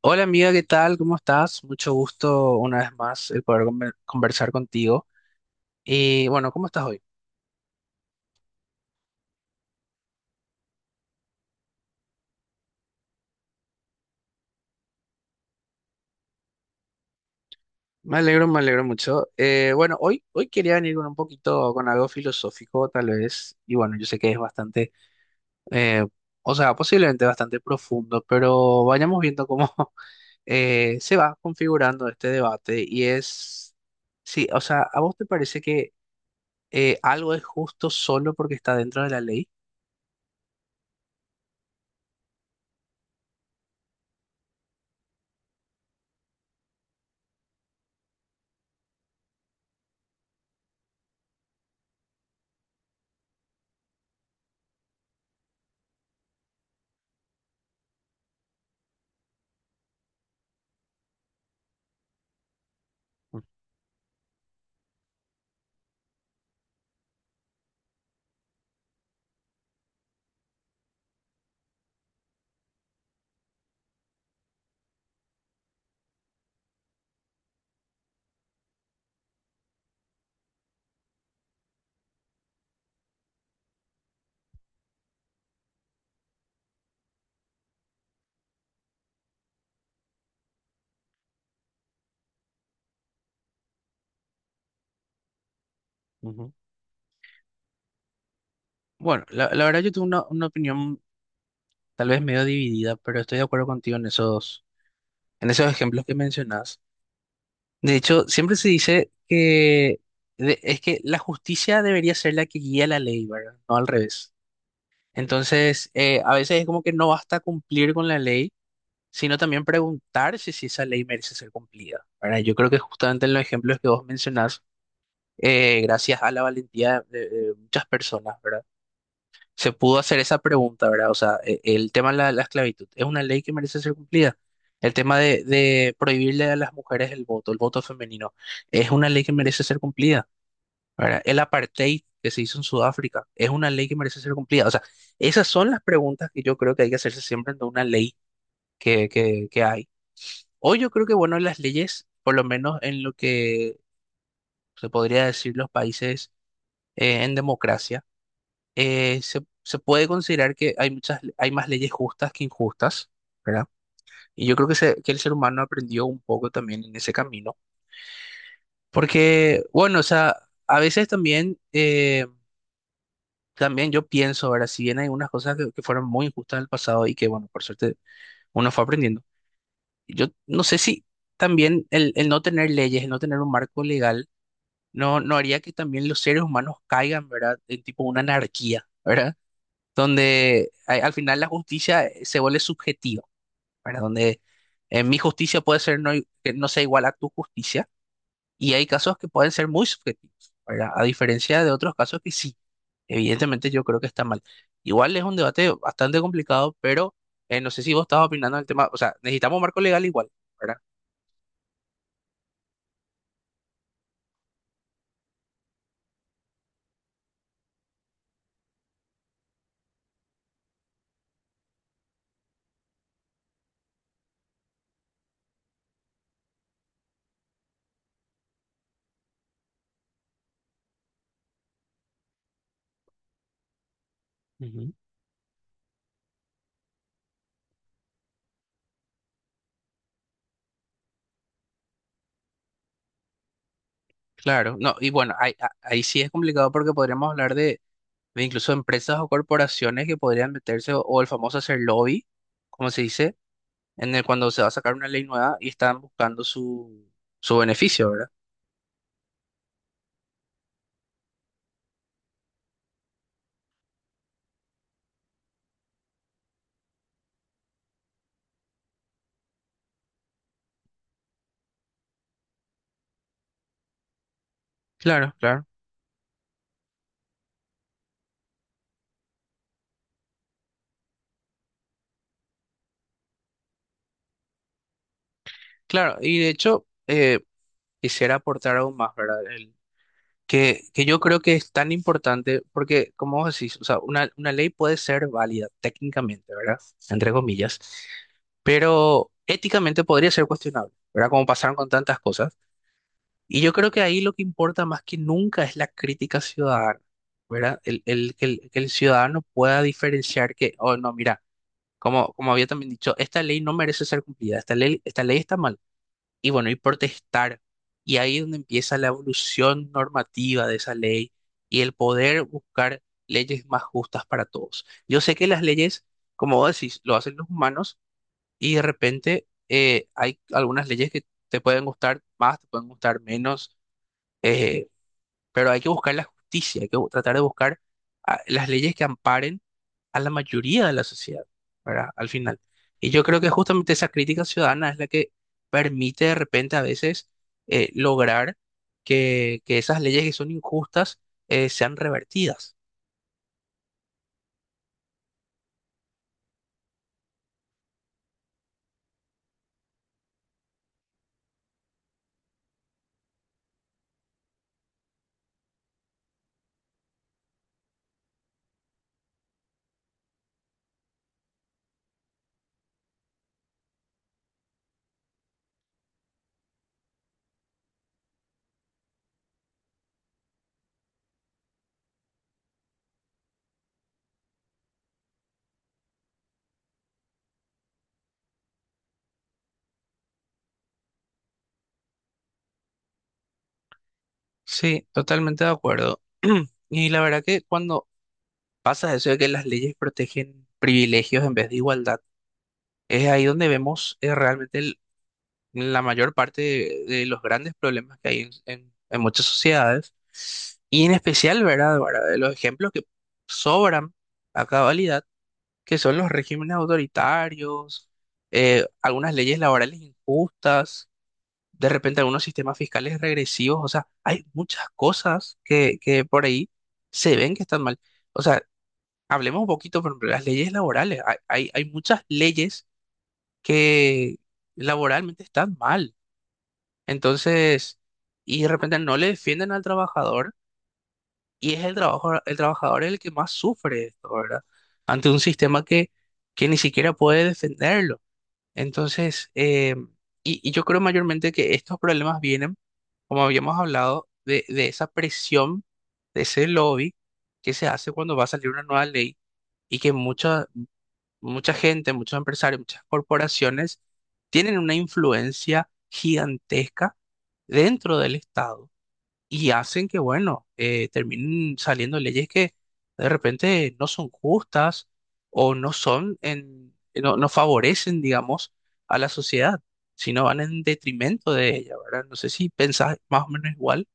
Hola amiga, ¿qué tal? ¿Cómo estás? Mucho gusto una vez más el poder conversar contigo. Y bueno, ¿cómo estás hoy? Me alegro mucho. Bueno, hoy quería venir con un poquito, con algo filosófico tal vez. Y bueno, yo sé que es bastante, eh, o sea, posiblemente bastante profundo, pero vayamos viendo cómo se va configurando este debate. Y es, sí, o sea, ¿a vos te parece que algo es justo solo porque está dentro de la ley? Ujú. Bueno, la verdad yo tengo una opinión tal vez medio dividida, pero estoy de acuerdo contigo en esos ejemplos que mencionas. De hecho, siempre se dice que es que la justicia debería ser la que guía la ley, ¿verdad? No al revés. Entonces, a veces es como que no basta cumplir con la ley, sino también preguntarse si esa ley merece ser cumplida, ¿verdad? Yo creo que justamente en los ejemplos que vos mencionás, gracias a la valentía de muchas personas, ¿verdad? Se pudo hacer esa pregunta, ¿verdad? O sea, el tema de la, la esclavitud, ¿es una ley que merece ser cumplida? El tema de prohibirle a las mujeres el voto femenino, ¿es una ley que merece ser cumplida? ¿Verdad? El apartheid que se hizo en Sudáfrica, ¿es una ley que merece ser cumplida? O sea, esas son las preguntas que yo creo que hay que hacerse siempre en una ley que hay. Hoy yo creo que, bueno, las leyes, por lo menos en lo que se podría decir los países en democracia, se puede considerar que hay muchas, hay más leyes justas que injustas, ¿verdad? Y yo creo que, que el ser humano aprendió un poco también en ese camino, porque, bueno, o sea, a veces también, también yo pienso, ahora, si bien hay unas cosas que fueron muy injustas en el pasado y que, bueno, por suerte uno fue aprendiendo, yo no sé si también el no tener leyes, el no tener un marco legal, no haría que también los seres humanos caigan, ¿verdad? En tipo una anarquía, ¿verdad? Donde al final la justicia se vuelve subjetiva, ¿verdad? Donde mi justicia puede ser no, que no sea igual a tu justicia y hay casos que pueden ser muy subjetivos, ¿verdad? A diferencia de otros casos que sí, evidentemente yo creo que está mal. Igual es un debate bastante complicado, pero no sé si vos estabas opinando el tema, o sea, necesitamos un marco legal igual, ¿verdad? Ujú. Claro, no, y bueno, ahí, ahí sí es complicado porque podríamos hablar de incluso empresas o corporaciones que podrían meterse o el famoso hacer lobby, como se dice en el cuando se va a sacar una ley nueva y están buscando su, su beneficio, ¿verdad? Claro, claro. Claro, y de hecho, quisiera aportar aún más, ¿verdad? Que yo creo que es tan importante porque, como vos decís, o sea, una ley puede ser válida técnicamente, ¿verdad? Entre comillas, pero éticamente podría ser cuestionable, ¿verdad? Como pasaron con tantas cosas. Y yo creo que ahí lo que importa más que nunca es la crítica ciudadana, ¿verdad? Que el ciudadano pueda diferenciar que, oh, no, mira. Como, como había también dicho, esta ley no merece ser cumplida, esta ley está mal. Y bueno, y protestar. Y ahí es donde empieza la evolución normativa de esa ley y el poder buscar leyes más justas para todos. Yo sé que las leyes, como vos decís, lo hacen los humanos y de repente hay algunas leyes que te pueden gustar más, te pueden gustar menos. eh, pero hay que buscar la justicia, hay que tratar de buscar ah, las leyes que amparen a la mayoría de la sociedad, ¿verdad? Al final. Y yo creo que justamente esa crítica ciudadana es la que permite de repente a veces lograr que esas leyes que son injustas sean revertidas. Sí, totalmente de acuerdo. Y la verdad que cuando pasa eso de que las leyes protegen privilegios en vez de igualdad, es ahí donde vemos realmente la mayor parte de los grandes problemas que hay en, en muchas sociedades, y en especial, ¿verdad? Ahora, de los ejemplos que sobran a cabalidad, que son los regímenes autoritarios, algunas leyes laborales injustas, de repente algunos sistemas fiscales regresivos, o sea, hay muchas cosas que por ahí se ven que están mal. O sea, hablemos un poquito, por ejemplo, de las leyes laborales, hay muchas leyes que laboralmente están mal. Entonces, y de repente no le defienden al trabajador y es el trabajador el que más sufre esto, ¿verdad? Ante un sistema que ni siquiera puede defenderlo. Entonces, y yo creo mayormente que estos problemas vienen, como habíamos hablado, de esa presión, de ese lobby que se hace cuando va a salir una nueva ley y que mucha gente, muchos empresarios, muchas corporaciones tienen una influencia gigantesca dentro del Estado y hacen que, bueno, terminen saliendo leyes que de repente no son justas o no son en, no, no favorecen, digamos, a la sociedad, sino van en detrimento de ella, ¿verdad? No sé si pensás más o menos igual.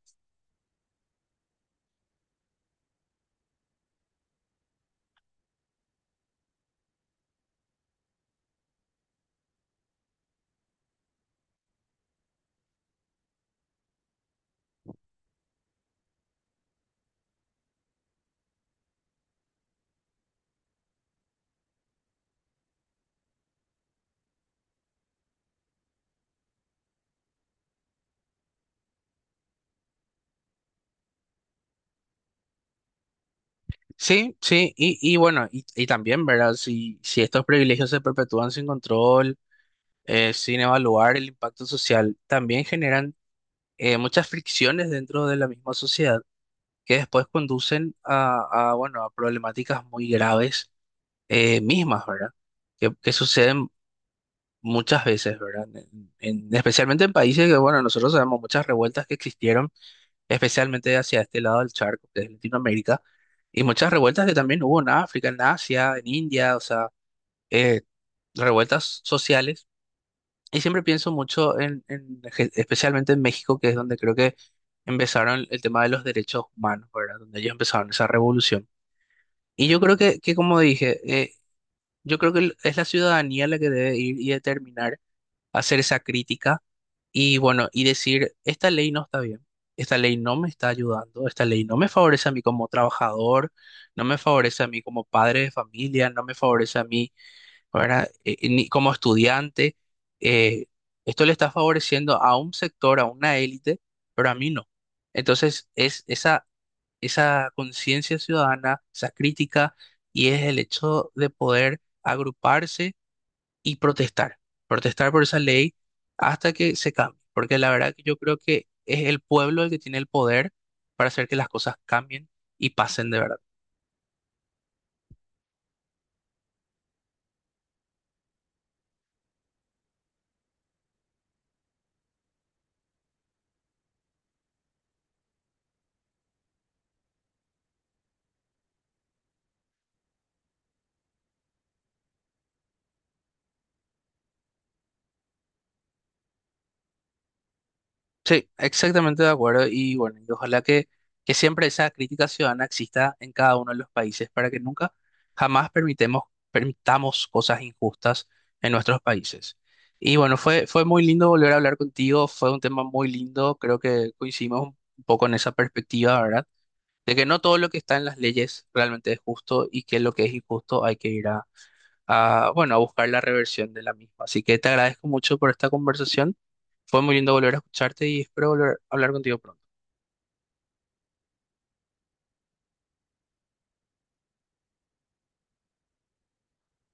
Sí, sí, bueno, y también, ¿verdad? Si estos privilegios se perpetúan sin control, sin evaluar el impacto social, también generan muchas fricciones dentro de la misma sociedad que después conducen bueno, a problemáticas muy graves mismas, ¿verdad? Que suceden muchas veces, ¿verdad? Especialmente en países que, bueno, nosotros sabemos muchas revueltas que existieron, especialmente hacia este lado del charco, que es Latinoamérica, y muchas revueltas que también hubo en África, en Asia, en India, o sea, eh, revueltas sociales. Y siempre pienso mucho especialmente en México, que es donde creo que empezaron el tema de los derechos humanos, ¿verdad? Donde ellos empezaron esa revolución. Y yo creo que como dije, yo creo que es la ciudadanía la que debe ir y determinar, hacer esa crítica y bueno, y decir, esta ley no está bien, esta ley no me está ayudando, esta ley no me favorece a mí como trabajador, no me favorece a mí como padre de familia, no me favorece a mí, ¿verdad? Ni como estudiante. eh, Esto le está favoreciendo a un sector, a una élite, pero a mí no. Entonces, es esa conciencia ciudadana, esa crítica, y es el hecho de poder agruparse y protestar, protestar por esa ley hasta que se cambie, porque la verdad que yo creo que es el pueblo el que tiene el poder para hacer que las cosas cambien y pasen de verdad. Sí, exactamente de acuerdo. Y bueno, y ojalá que siempre esa crítica ciudadana exista en cada uno de los países para que nunca, jamás permitemos, permitamos cosas injustas en nuestros países. Y bueno, fue muy lindo volver a hablar contigo, fue un tema muy lindo, creo que coincidimos un poco en esa perspectiva, ¿verdad? De que no todo lo que está en las leyes realmente es justo y que lo que es injusto hay que ir bueno, a buscar la reversión de la misma. Así que te agradezco mucho por esta conversación. Fue muy lindo volver a escucharte y espero volver a hablar contigo pronto.